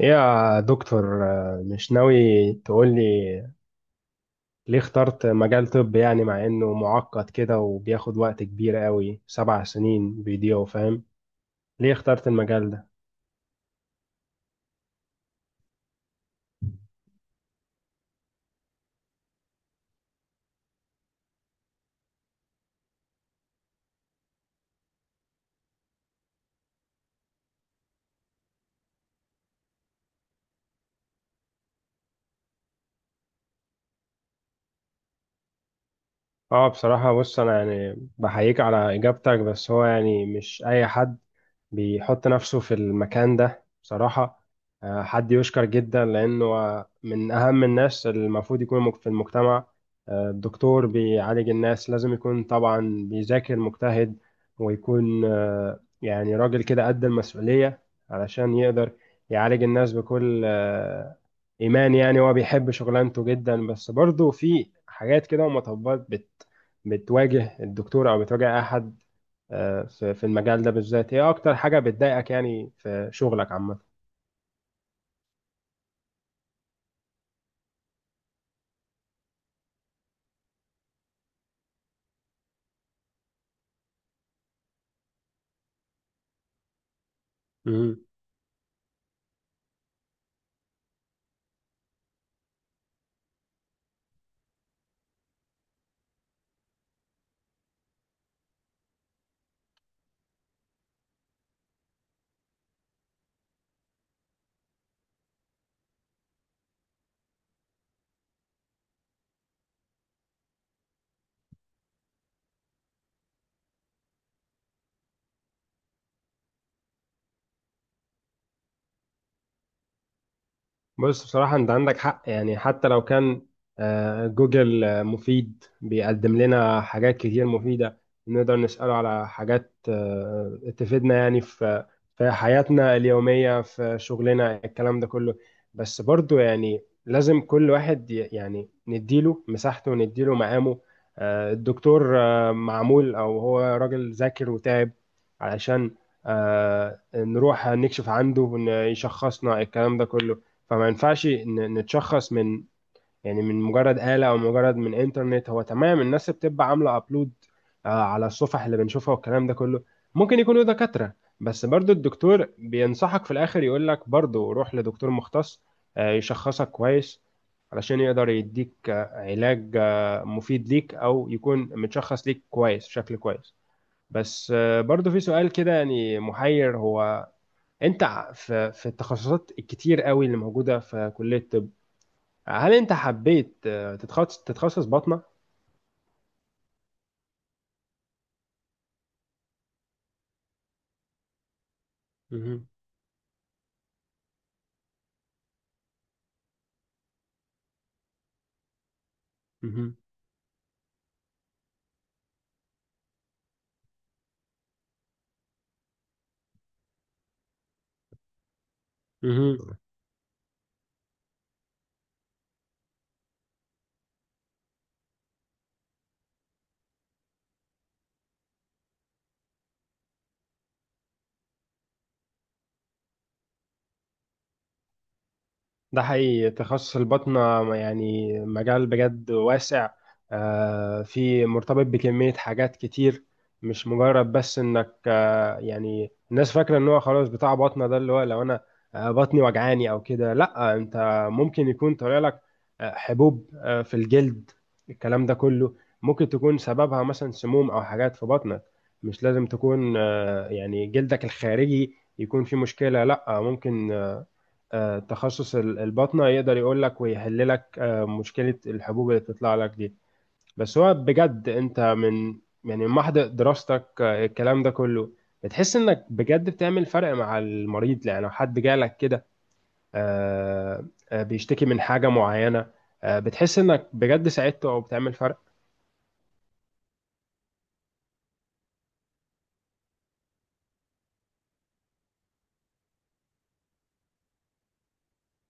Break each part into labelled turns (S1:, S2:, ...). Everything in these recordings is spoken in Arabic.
S1: إيه يا دكتور، مش ناوي تقولي ليه اخترت مجال طب؟ يعني مع انه معقد كده وبياخد وقت كبير قوي، 7 سنين بيضيعوا، فاهم؟ ليه اخترت المجال ده؟ اه، بصراحة بص، أنا يعني بحييك على إجابتك، بس هو يعني مش أي حد بيحط نفسه في المكان ده بصراحة. حد يشكر جدا لأنه من أهم الناس اللي المفروض يكونوا في المجتمع. الدكتور بيعالج الناس لازم يكون طبعا بيذاكر مجتهد، ويكون يعني راجل كده قد المسؤولية، علشان يقدر يعالج الناس بكل إيمان. يعني هو بيحب شغلانته جدا، بس برضه في حاجات كده ومطبات بتواجه الدكتور او بتواجه احد. في المجال ده بالذات، ايه اكتر حاجة بتضايقك يعني في شغلك عامة؟ بص، بصراحة أنت عندك حق، يعني حتى لو كان جوجل مفيد، بيقدم لنا حاجات كتير مفيدة، نقدر نسأله على حاجات تفيدنا يعني في حياتنا اليومية، في شغلنا، الكلام ده كله. بس برضو يعني لازم كل واحد يعني نديله مساحته ونديله مقامه. الدكتور معمول، أو هو راجل ذاكر وتعب، علشان نروح نكشف عنده يشخصنا الكلام ده كله. فما ينفعش نتشخص من، يعني من مجرد آلة او مجرد من انترنت. هو تمام، الناس بتبقى عاملة ابلود على الصفح اللي بنشوفها والكلام ده كله، ممكن يكونوا دكاترة، بس برضو الدكتور بينصحك في الاخر يقول لك برضو روح لدكتور مختص، يشخصك كويس علشان يقدر يديك علاج مفيد ليك، او يكون متشخص ليك كويس بشكل كويس. بس برضو في سؤال كده يعني محير، هو انت في التخصصات الكتير قوي اللي موجوده في كليه الطب، هل انت حبيت تتخصص باطنه؟ مهم. مهم. مهم. ده حقيقي، تخصص الباطنة يعني مجال بجد واسع، في مرتبط بكمية حاجات كتير. مش مجرد بس انك يعني الناس فاكرة ان هو خلاص بتاع باطنة ده، اللي هو لو انا بطني وجعاني او كده، لا، انت ممكن يكون طالع لك حبوب في الجلد، الكلام ده كله ممكن تكون سببها مثلا سموم او حاجات في بطنك. مش لازم تكون يعني جلدك الخارجي يكون فيه مشكلة، لا، ممكن تخصص الباطنة يقدر يقول لك ويحل لك مشكلة الحبوب اللي بتطلع لك دي. بس هو بجد انت من يعني من محض دراستك الكلام ده كله، بتحس انك بجد بتعمل فرق مع المريض؟ يعني لو حد جالك كده بيشتكي من حاجة معينة، بتحس انك بجد ساعدته او بتعمل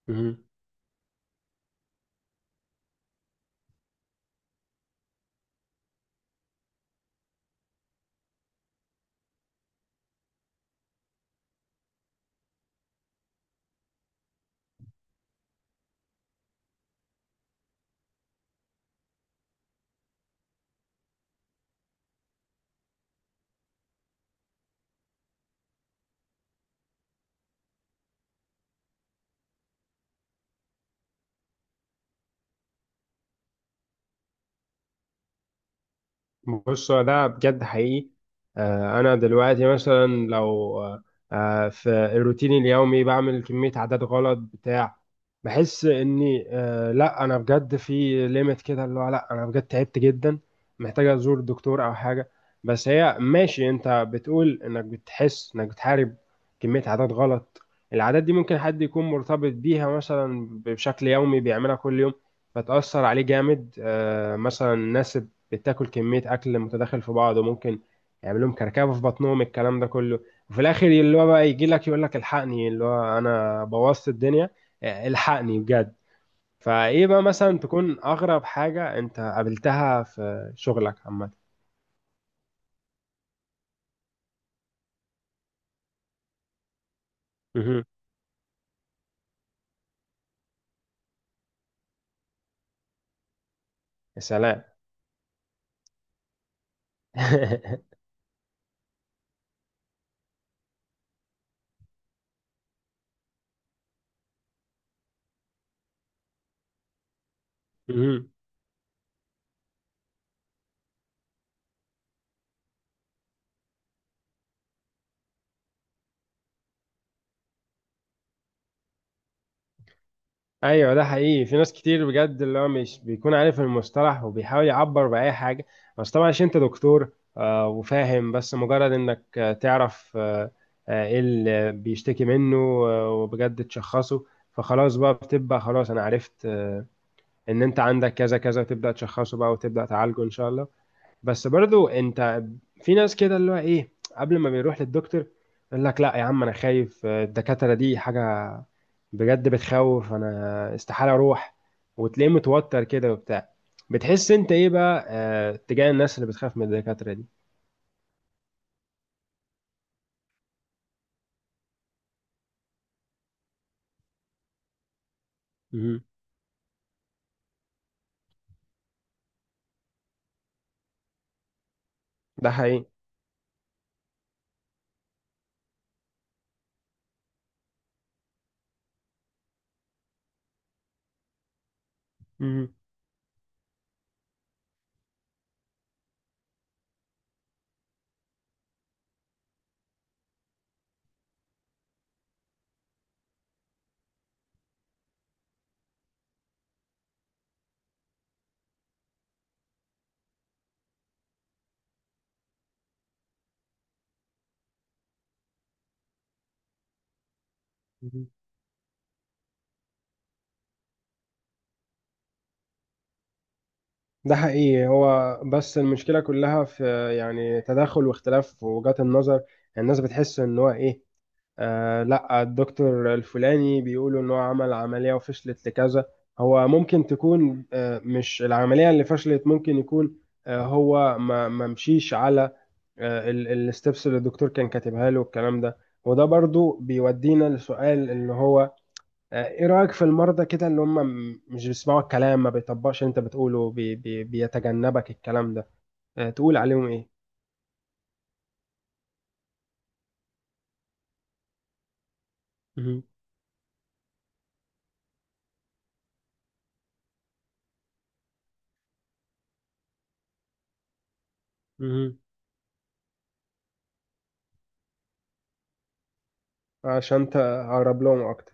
S1: فرق؟ بص هو ده بجد حقيقي، انا دلوقتي مثلا لو آه، في الروتين اليومي بعمل كمية عادات غلط بتاع بحس اني لا، انا بجد في ليميت كده، اللي هو لا، انا بجد تعبت جدا، محتاج ازور دكتور او حاجة. بس هي ماشي، انت بتقول انك بتحس انك بتحارب كمية عادات غلط، العادات دي ممكن حد يكون مرتبط بيها مثلا بشكل يومي، بيعملها كل يوم، فتأثر عليه جامد. مثلا الناس بتاكل كميه اكل متداخل في بعض، وممكن يعمل لهم كركبه في بطنهم، الكلام ده كله، وفي الاخر اللي هو بقى يجي لك يقول لك الحقني، اللي هو انا بوظت الدنيا، الحقني بجد. فايه بقى مثلا تكون اغرب حاجه انت قابلتها في شغلك عامه؟ مهم. يا سلام. ايوه ده حقيقي، في ناس كتير بجد اللي هو مش بيكون عارف المصطلح وبيحاول يعبر باي حاجه، بس طبعا عشان انت دكتور وفاهم، بس مجرد انك تعرف ايه اللي بيشتكي منه وبجد تشخصه، فخلاص بقى، بتبقى خلاص انا عرفت ان انت عندك كذا كذا، تبدا تشخصه بقى وتبدا تعالجه ان شاء الله. بس برضو انت في ناس كده اللي هو ايه، قبل ما بيروح للدكتور يقول لك لا يا عم انا خايف، الدكاترة دي حاجة بجد بتخوف، انا استحالة اروح. وتلاقيه متوتر كده وبتاع، بتحس انت ايه بقى تجاه الناس اللي بتخاف من الدكاترة دي؟ مهم. ده حقيقي. مهم. مهم. ده حقيقي. هو بس المشكلة كلها في يعني تداخل واختلاف في وجهات النظر، الناس بتحس ان هو ايه، لا، الدكتور الفلاني بيقولوا ان هو عمل عملية وفشلت لكذا. هو ممكن تكون مش العملية اللي فشلت، ممكن يكون هو ما مشيش على الستبس اللي الدكتور كان كاتبها له والكلام ده. وده برضو بيودينا لسؤال اللي هو ايه رأيك في المرضى كده اللي هم مش بيسمعوا الكلام، ما بيطبقش اللي انت بتقوله، بي بي بيتجنبك الكلام ده، تقول عليهم ايه؟ مهم. مهم. عشان تقرب لهم اكتر.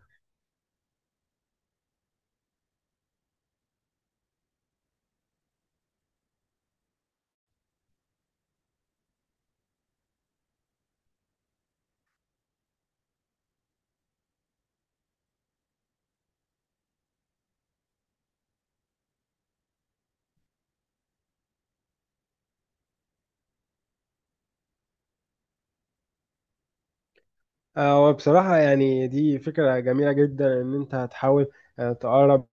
S1: هو بصراحة يعني دي فكرة جميلة جدا إن أنت هتحاول تقرب.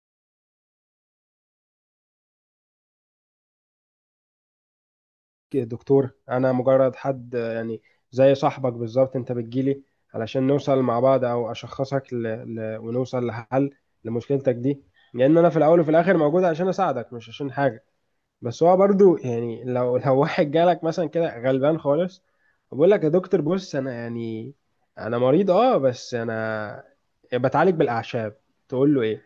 S1: دكتور، أنا مجرد حد يعني زي صاحبك بالظبط، أنت بتجيلي علشان نوصل مع بعض، أو أشخصك ونوصل لحل لمشكلتك دي، لأن أنا في الأول وفي الآخر موجود عشان أساعدك مش عشان حاجة. بس هو برضو يعني لو لو واحد جالك مثلا كده غلبان خالص، وبقول لك يا دكتور بص أنا يعني، أنا مريض بس أنا بتعالج بالأعشاب، تقول له إيه؟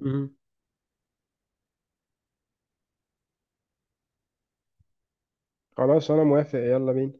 S1: خلاص انا موافق، يلا بينا.